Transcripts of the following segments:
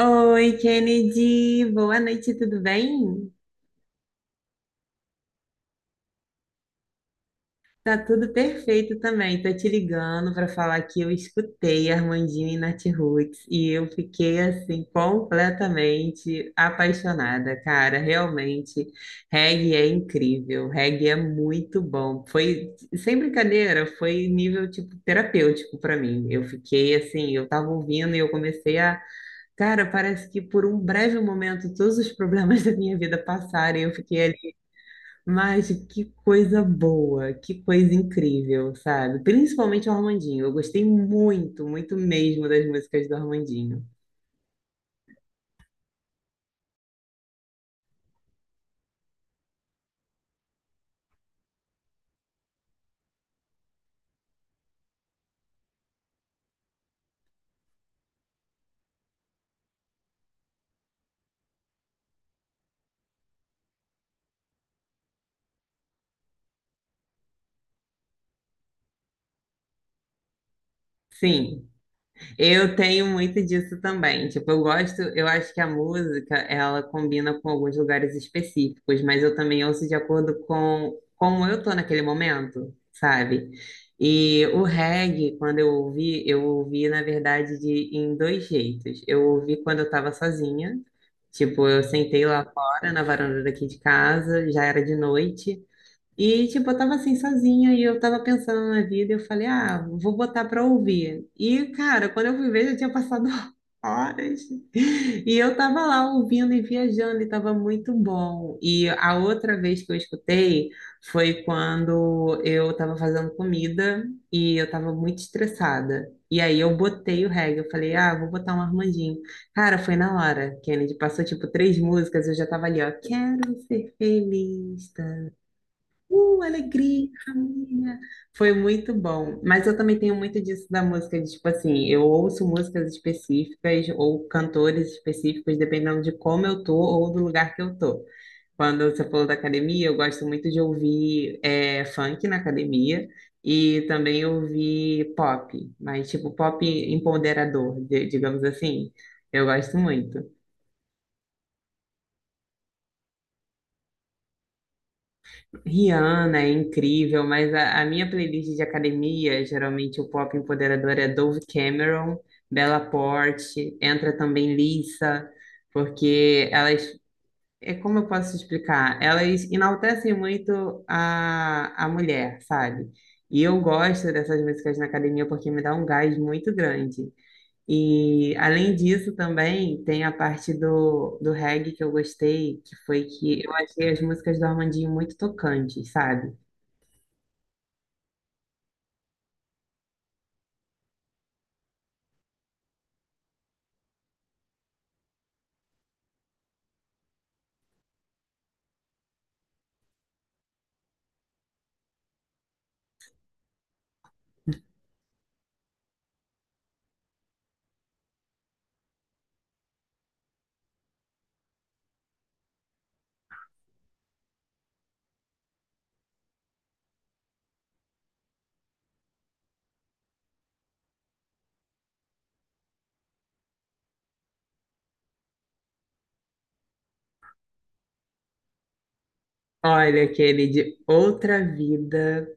Oi, Kennedy, boa noite, tudo bem? Tá tudo perfeito também. Tô te ligando para falar que eu escutei Armandinho e Natiruts e eu fiquei assim completamente apaixonada, cara. Realmente, reggae é incrível, reggae é muito bom. Foi sem brincadeira, foi nível tipo terapêutico para mim. Eu fiquei assim, eu tava ouvindo e eu comecei a... Cara, parece que por um breve momento todos os problemas da minha vida passaram e eu fiquei... Mas que coisa boa, que coisa incrível, sabe? Principalmente o Armandinho. Eu gostei muito, muito mesmo das músicas do Armandinho. Sim, eu tenho muito disso também. Tipo, eu gosto, eu acho que a música, ela combina com alguns lugares específicos, mas eu também ouço de acordo com como eu tô naquele momento, sabe? E o reggae, quando eu ouvi, na verdade, em dois jeitos. Eu ouvi quando eu tava sozinha, tipo, eu sentei lá fora, na varanda daqui de casa, já era de noite, e, tipo, eu tava assim sozinha e eu tava pensando na vida e eu falei, ah, vou botar pra ouvir. E, cara, quando eu fui ver, já tinha passado horas. E eu tava lá ouvindo e viajando e tava muito bom. E a outra vez que eu escutei foi quando eu tava fazendo comida e eu tava muito estressada. E aí eu botei o reggae, eu falei, ah, vou botar um Armandinho. Cara, foi na hora, Kennedy. Passou, tipo, três músicas, eu já tava ali, ó, quero ser feliz. Alegria, família. Foi muito bom. Mas eu também tenho muito disso da música, de, tipo assim, eu ouço músicas específicas ou cantores específicos, dependendo de como eu tô ou do lugar que eu tô. Quando você falou da academia, eu gosto muito de ouvir funk na academia e também ouvir pop, mas tipo pop empoderador, digamos assim. Eu gosto muito. Rihanna é incrível, mas a minha playlist de academia, geralmente o pop empoderador é Dove Cameron, Bella Porte, entra também Lisa, porque elas, é como eu posso explicar, elas enaltecem muito a mulher, sabe? E eu gosto dessas músicas na academia porque me dá um gás muito grande. E além disso também tem a parte do reggae que eu gostei, que foi que eu achei as músicas do Armandinho muito tocantes, sabe? Olha aquele de Outra Vida.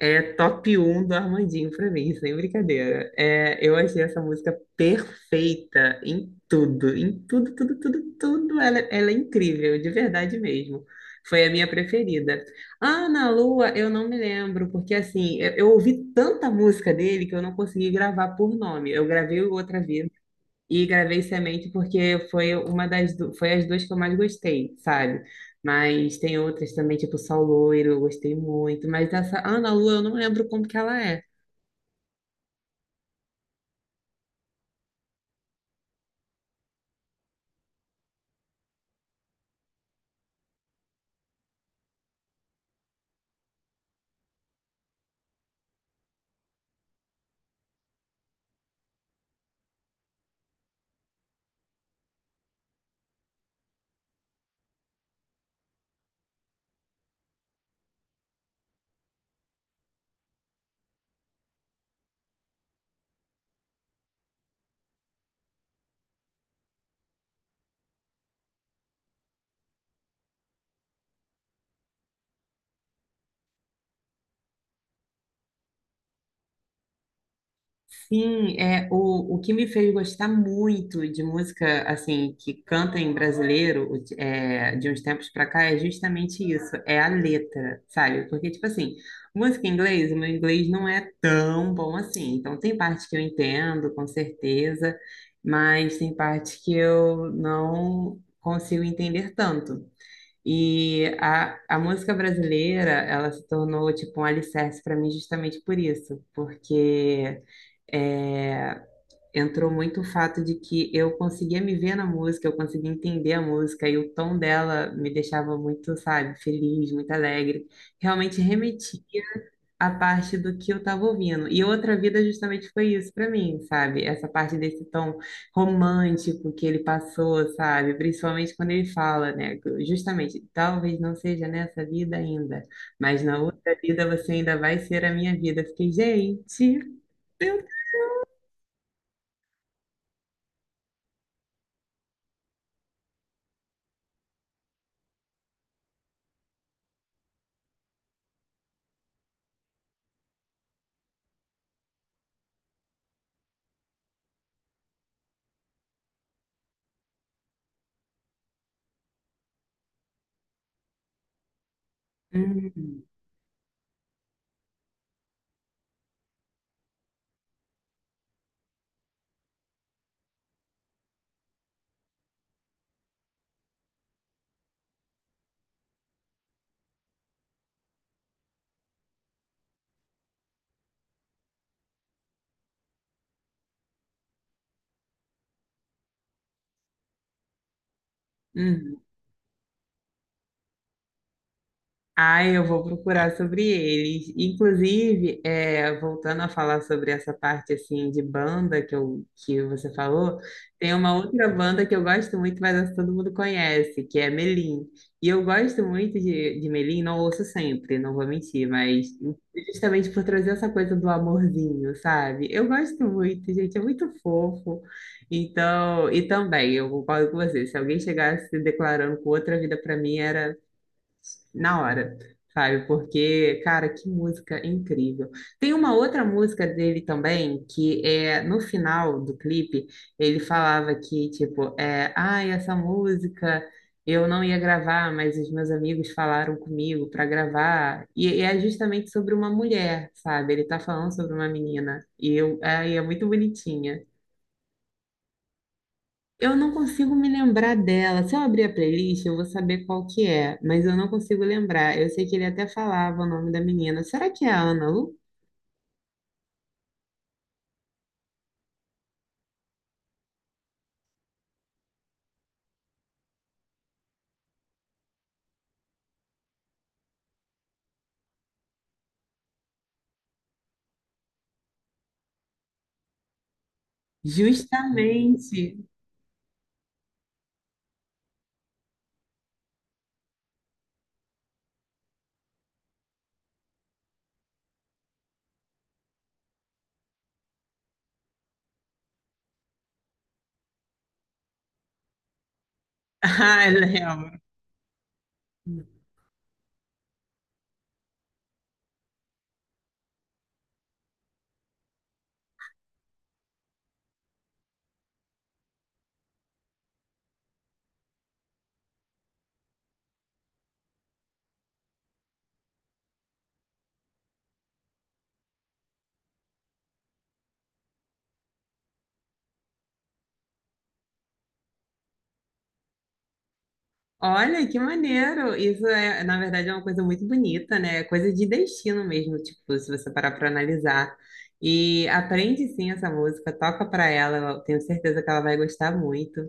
É top um do Armandinho pra mim, sem brincadeira. É, eu achei essa música perfeita em tudo, tudo, tudo, tudo. Ela é incrível, de verdade mesmo. Foi a minha preferida. Ah, na Lua, eu não me lembro, porque assim, eu ouvi tanta música dele que eu não consegui gravar por nome. Eu gravei Outra Vez e gravei Semente porque foi uma das foi as duas que eu mais gostei, sabe? Mas tem outras também, tipo Sol Loiro, eu gostei muito. Mas essa Ana Lu, eu não lembro como que ela é. Sim, é, o que me fez gostar muito de música, assim, que canta em brasileiro, de uns tempos pra cá, é justamente isso, é a letra, sabe? Porque, tipo assim, música em inglês, o meu inglês não é tão bom assim, então tem parte que eu entendo, com certeza, mas tem parte que eu não consigo entender tanto. E a música brasileira, ela se tornou, tipo, um alicerce para mim justamente por isso, porque é, entrou muito o fato de que eu conseguia me ver na música, eu conseguia entender a música e o tom dela me deixava muito, sabe, feliz, muito alegre. Realmente remeti à parte do que eu estava ouvindo. E Outra Vida justamente foi isso para mim, sabe? Essa parte desse tom romântico que ele passou, sabe? Principalmente quando ele fala, né? Justamente, talvez não seja nessa vida ainda, mas na outra vida você ainda vai ser a minha vida. Eu fiquei, gente, eu... Hum. Hum. Ai, eu vou procurar sobre eles. Inclusive, é, voltando a falar sobre essa parte assim de banda que você falou, tem uma outra banda que eu gosto muito, mas essa todo mundo conhece, que é Melim. E eu gosto muito de Melim, não ouço sempre, não vou mentir, mas justamente por trazer essa coisa do amorzinho, sabe? Eu gosto muito, gente, é muito fofo. Então, e também, eu concordo com você, se alguém chegasse declarando com outra vida pra mim, era na hora, sabe? Porque, cara, que música incrível. Tem uma outra música dele também, que é no final do clipe, ele falava que, tipo, é, ai, essa música eu não ia gravar, mas os meus amigos falaram comigo para gravar. E é justamente sobre uma mulher, sabe? Ele tá falando sobre uma menina. E eu, ai, é muito bonitinha. Eu não consigo me lembrar dela. Se eu abrir a playlist, eu vou saber qual que é, mas eu não consigo lembrar. Eu sei que ele até falava o nome da menina. Será que é a Ana Lu? Justamente. Ah, eu lembro. Olha, que maneiro! Isso é, na verdade, é uma coisa muito bonita, né? É coisa de destino mesmo, tipo, se você parar para analisar. E aprende sim essa música, toca para ela, eu tenho certeza que ela vai gostar muito.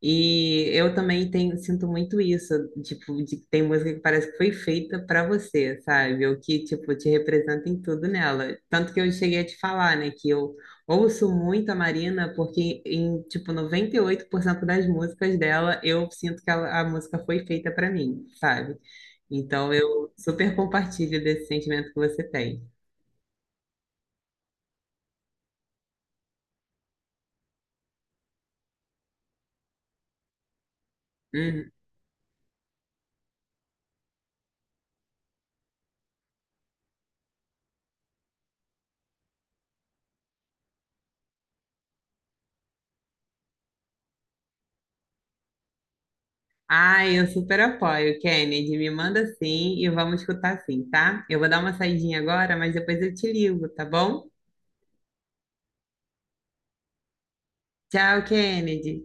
E eu também tenho, sinto muito isso, tipo, de que tem música que parece que foi feita para você, sabe? O que, tipo, te representa em tudo nela. Tanto que eu cheguei a te falar, né, que eu ouço muito a Marina, porque em, tipo, 98% das músicas dela, eu sinto que a música foi feita para mim, sabe? Então, eu super compartilho desse sentimento que você tem. Uhum. Ah, eu super apoio, Kennedy. Me manda sim e vamos escutar sim, tá? Eu vou dar uma saidinha agora, mas depois eu te ligo, tá bom? Tchau, Kennedy.